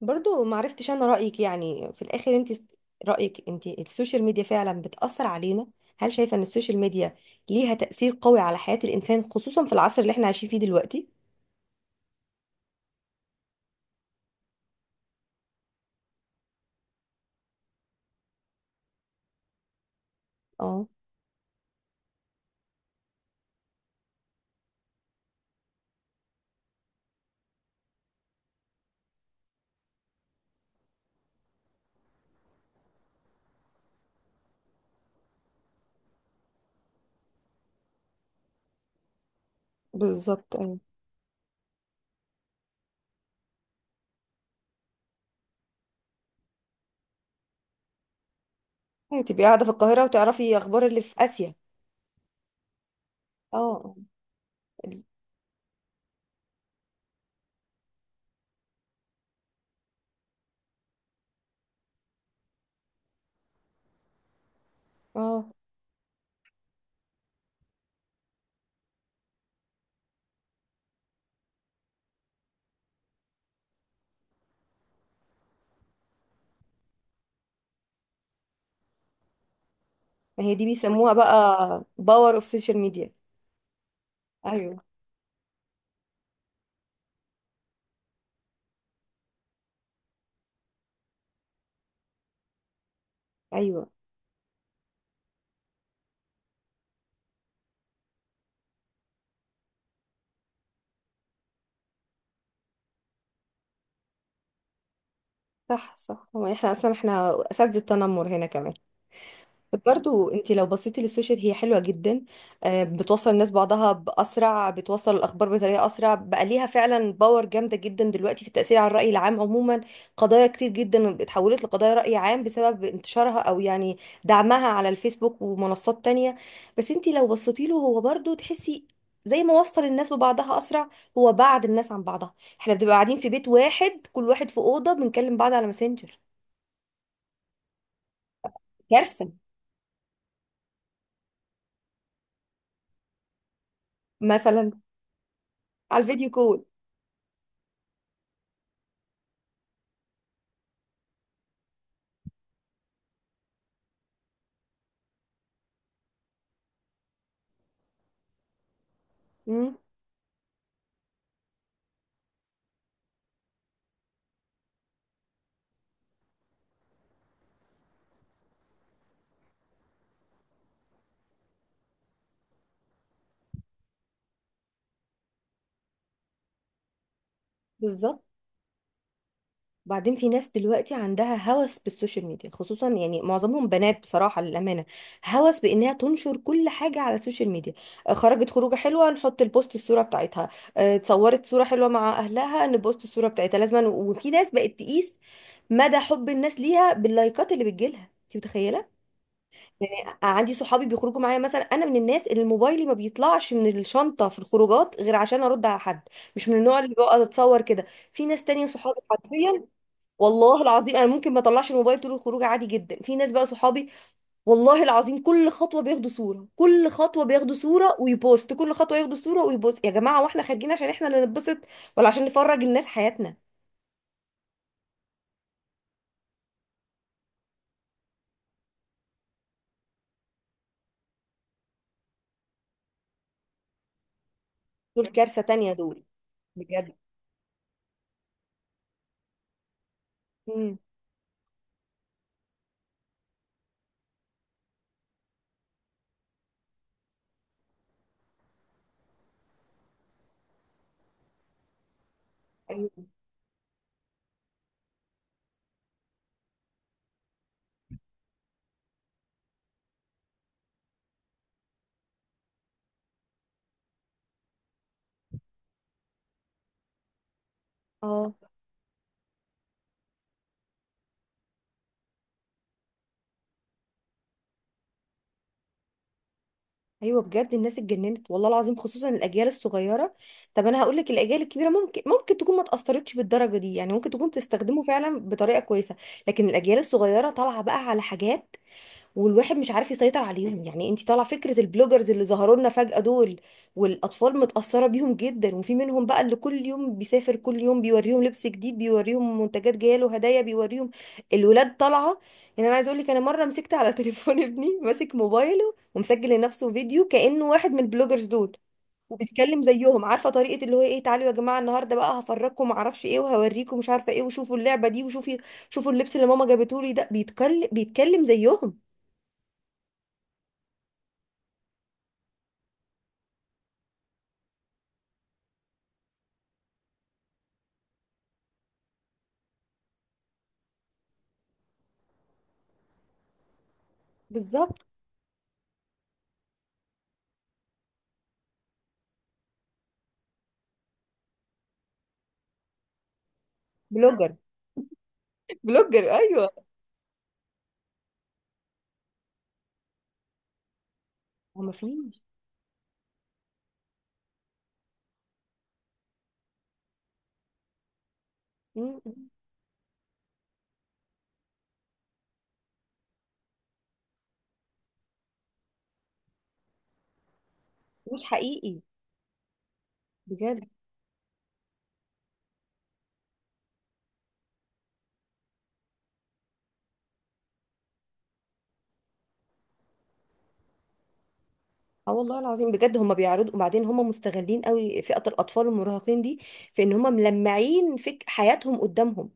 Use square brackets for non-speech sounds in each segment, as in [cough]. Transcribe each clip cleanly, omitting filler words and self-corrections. برضو معرفتش انا رأيك، في الاخر انت. رأيك انت السوشيال ميديا فعلا بتأثر علينا؟ هل شايفة ان السوشيال ميديا ليها تأثير قوي على حياة الانسان، خصوصا في العصر اللي احنا عايشين فيه دلوقتي؟ اه. بالظبط، ايوه. يعني تبقي قاعدة في القاهرة وتعرفي اخبار اللي في آسيا. اه، آه، ال- اه ما هي دي بيسموها بقى باور اوف سوشيال ميديا. ايوه. ايوه، صح صح. هو احنا اصلا احنا اساتذة التنمر هنا كمان. برضو انت لو بصيتي للسوشيال هي حلوه جدا. آه، بتوصل الناس بعضها باسرع، بتوصل الاخبار بطريقه اسرع، بقى ليها فعلا باور جامده جدا دلوقتي في التاثير على الراي العام عموما. قضايا كتير جدا اتحولت لقضايا راي عام بسبب انتشارها، او دعمها على الفيسبوك ومنصات تانية. بس انت لو بصيتي له، هو برضو تحسي زي ما وصل الناس ببعضها اسرع، هو بعد الناس عن بعضها. احنا بنبقى قاعدين في بيت واحد كل واحد في اوضه، بنكلم بعض على ماسنجر. كارثه. مثلا على الفيديو كول. بالظبط. وبعدين في ناس دلوقتي عندها هوس بالسوشيال ميديا، خصوصا معظمهم بنات، بصراحة للأمانة. هوس بإنها تنشر كل حاجة على السوشيال ميديا. آه، خرجت خروجة حلوة نحط البوست الصورة بتاعتها. آه، اتصورت صورة حلوة مع أهلها نبوست الصورة بتاعتها لازما. وفي ناس بقت تقيس مدى حب الناس ليها باللايكات اللي بتجيلها. انت متخيلة؟ عندي صحابي بيخرجوا معايا. مثلا انا من الناس اللي موبايلي ما بيطلعش من الشنطة في الخروجات غير عشان ارد على حد. مش من النوع اللي بقعد اتصور كده. في ناس تانية صحابي حرفيا، والله العظيم، انا ممكن ما اطلعش الموبايل طول الخروج عادي جدا. في ناس بقى صحابي، والله العظيم، كل خطوه بياخدوا صوره، كل خطوه بياخدوا صوره ويبوست، كل خطوه ياخدوا صوره ويبوست. يا جماعه، واحنا خارجين عشان احنا اللي نتبسط ولا عشان نفرج الناس حياتنا؟ دول كارثه تانية دول. بجد. امم ايوه. اه. ايوه، بجد الناس اتجننت والله العظيم، خصوصا الاجيال الصغيره. طب انا هقول لك، الاجيال الكبيره ممكن تكون ما اتاثرتش بالدرجه دي، ممكن تكون بتستخدمه فعلا بطريقه كويسه. لكن الاجيال الصغيره طالعه بقى على حاجات والواحد مش عارف يسيطر عليهم. انت طالعه فكره البلوجرز اللي ظهروا لنا فجأة دول؟ والاطفال متأثره بيهم جدا. وفي منهم بقى اللي كل يوم بيسافر، كل يوم بيوريهم لبس جديد، بيوريهم منتجات جايه له هدايا، بيوريهم الولاد طالعه. انا عايزه اقول لك، انا مره مسكت على تليفون [laughs] ابني ماسك موبايله ومسجل لنفسه فيديو كأنه واحد من البلوجرز دول. وبيتكلم زيهم، عارفه طريقه اللي هو ايه، تعالوا يا جماعه، النهارده بقى هفرجكم معرفش ايه، وهوريكم مش عارفه ايه، وشوفوا اللعبه دي، شوفوا اللبس اللي ماما جابته لي ده. بيتكلم زيهم. بالظبط. [laughs] بلوجر. بلوجر، ايوه. هو مفيش. مم. مش حقيقي. بجد. اه والله العظيم، بجد هم بيعرضوا. وبعدين هم مستغلين قوي فئة الاطفال المراهقين دي، في ان هم ملمعين فك حياتهم قدامهم.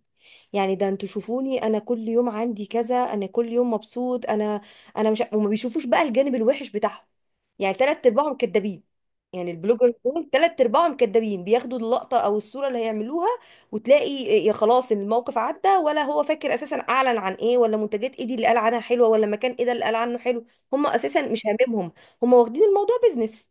يعني ده انتوا شوفوني، انا كل يوم عندي كذا، انا كل يوم مبسوط انا انا. مش ع- وما بيشوفوش بقى الجانب الوحش بتاعهم. يعني تلات ارباعهم كدابين. يعني البلوجرز دول تلات ارباعهم كدابين، بياخدوا اللقطة او الصورة اللي هيعملوها وتلاقي يا خلاص الموقف عدى، ولا هو فاكر اساسا اعلن عن ايه، ولا منتجات ايه دي اللي قال عنها حلوة، ولا مكان ايه ده اللي قال عنه حلو. هم اساسا مش هاممهم. هم واخدين الموضوع بيزنس.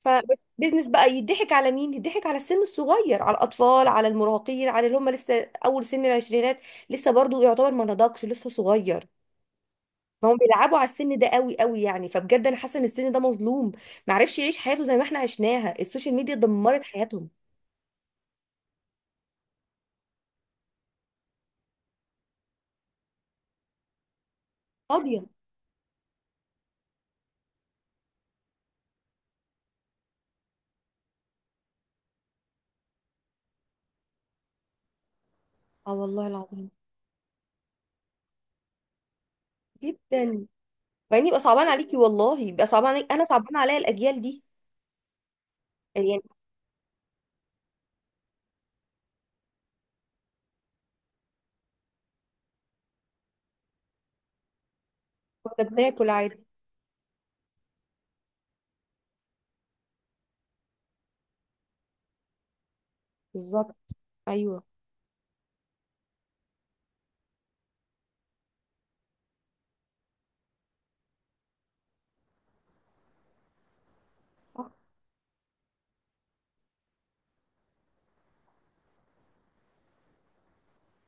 فبس بيزنس بقى، يضحك على مين؟ يضحك على السن الصغير، على الاطفال، على المراهقين، على اللي هم لسه اول سن العشرينات. لسه برضو يعتبر ما نضجش، لسه صغير. فهم بيلعبوا على السن ده قوي قوي. فبجد انا حاسه ان السن ده مظلوم، ما عرفش يعيش حياته زي ما احنا عشناها. السوشيال ميديا دمرت حياتهم. فاضيه. اه والله العظيم. جدا. بعدين يبقى صعبان عليكي والله، يبقى صعبان عليك، انا صعبان عليا الاجيال دي. يعني كنا بناكل عادي. بالظبط. ايوه.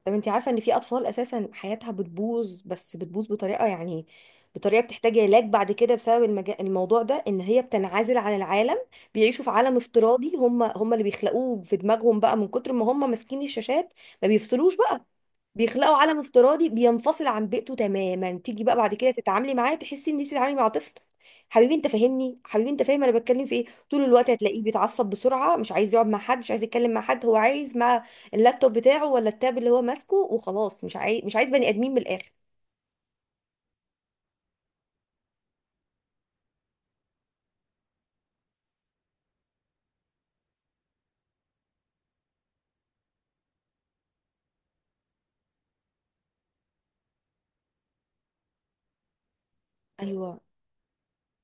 طب انت عارفة ان في اطفال اساسا حياتها بتبوظ، بس بتبوظ بطريقة، بطريقة بتحتاج علاج بعد كده، بسبب الموضوع ده، ان هي بتنعزل عن العالم. بيعيشوا في عالم افتراضي هم هم اللي بيخلقوه في دماغهم، بقى من كتر ما هم ماسكين الشاشات ما بيفصلوش بقى. بيخلقوا عالم افتراضي بينفصل عن بيئته تماما. تيجي بقى بعد كده تتعاملي معاه، تحسي ان انت بتتعاملي مع طفل. حبيبي انت فاهمني، حبيبي انت فاهم انا بتكلم في ايه. طول الوقت هتلاقيه بيتعصب بسرعه، مش عايز يقعد مع حد، مش عايز يتكلم مع حد، هو عايز مع اللابتوب بتاعه ولا التاب اللي هو ماسكه. وخلاص مش عايز بني ادمين من الاخر. ايوه،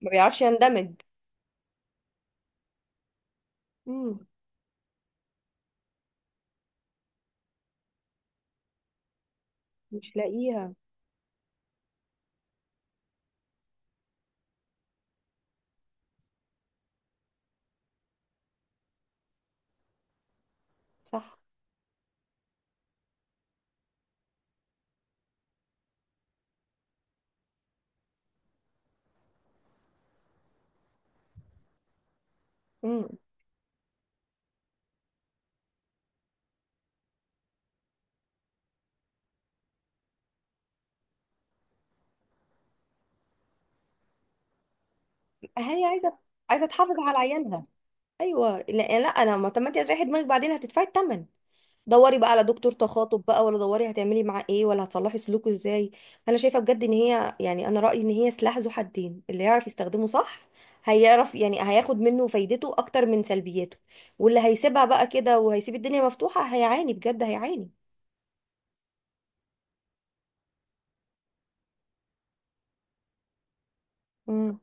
ما بيعرفش يندمج. امم. مش لاقيها. صح. امم. هي عايزه، عايزه تحافظ على عيالها. ايوه، لا, لا، انا ما. طب ما انت هتريحي دماغك بعدين هتدفعي الثمن. دوري بقى على دكتور تخاطب بقى، ولا دوري هتعملي معاه ايه، ولا هتصلحي سلوكه ازاي. انا شايفه بجد ان هي، انا رايي ان هي سلاح ذو حدين، اللي يعرف يستخدمه صح هيعرف هياخد منه فايدته اكتر من سلبياته. واللي هيسيبها بقى كده وهيسيب الدنيا مفتوحه هيعاني، بجد هيعاني. امم.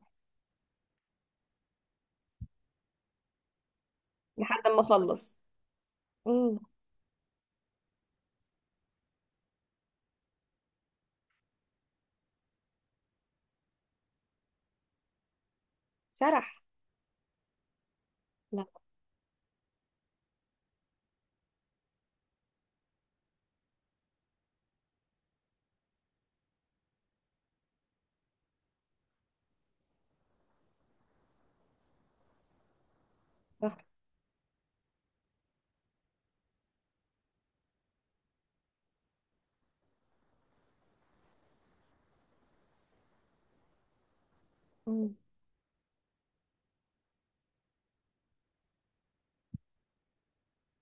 لحد ما اخلص. امم. سرح. لا. صح. امم.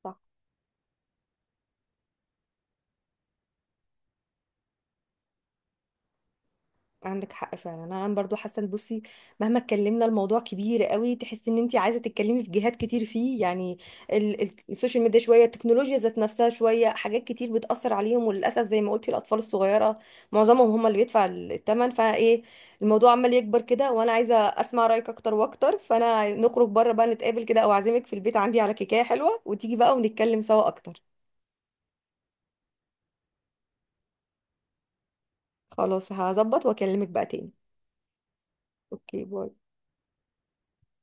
صح. عندك حق فعلا. انا برضو حاسه ان بصي، مهما اتكلمنا الموضوع كبير قوي. تحسي ان انت عايزه تتكلمي في جهات كتير فيه. السوشيال ميديا شويه، التكنولوجيا ذات نفسها شويه، حاجات كتير بتاثر عليهم. وللاسف زي ما قلتي، الاطفال الصغيره معظمهم هم اللي بيدفع الثمن. فايه، الموضوع عمال يكبر كده وانا عايزه اسمع رايك اكتر واكتر. فانا نخرج بره بقى، نتقابل كده او اعزمك في البيت عندي على كيكه حلوه، وتيجي بقى ونتكلم سوا اكتر. خلاص، هظبط واكلمك بقى تاني. اوكي، باي.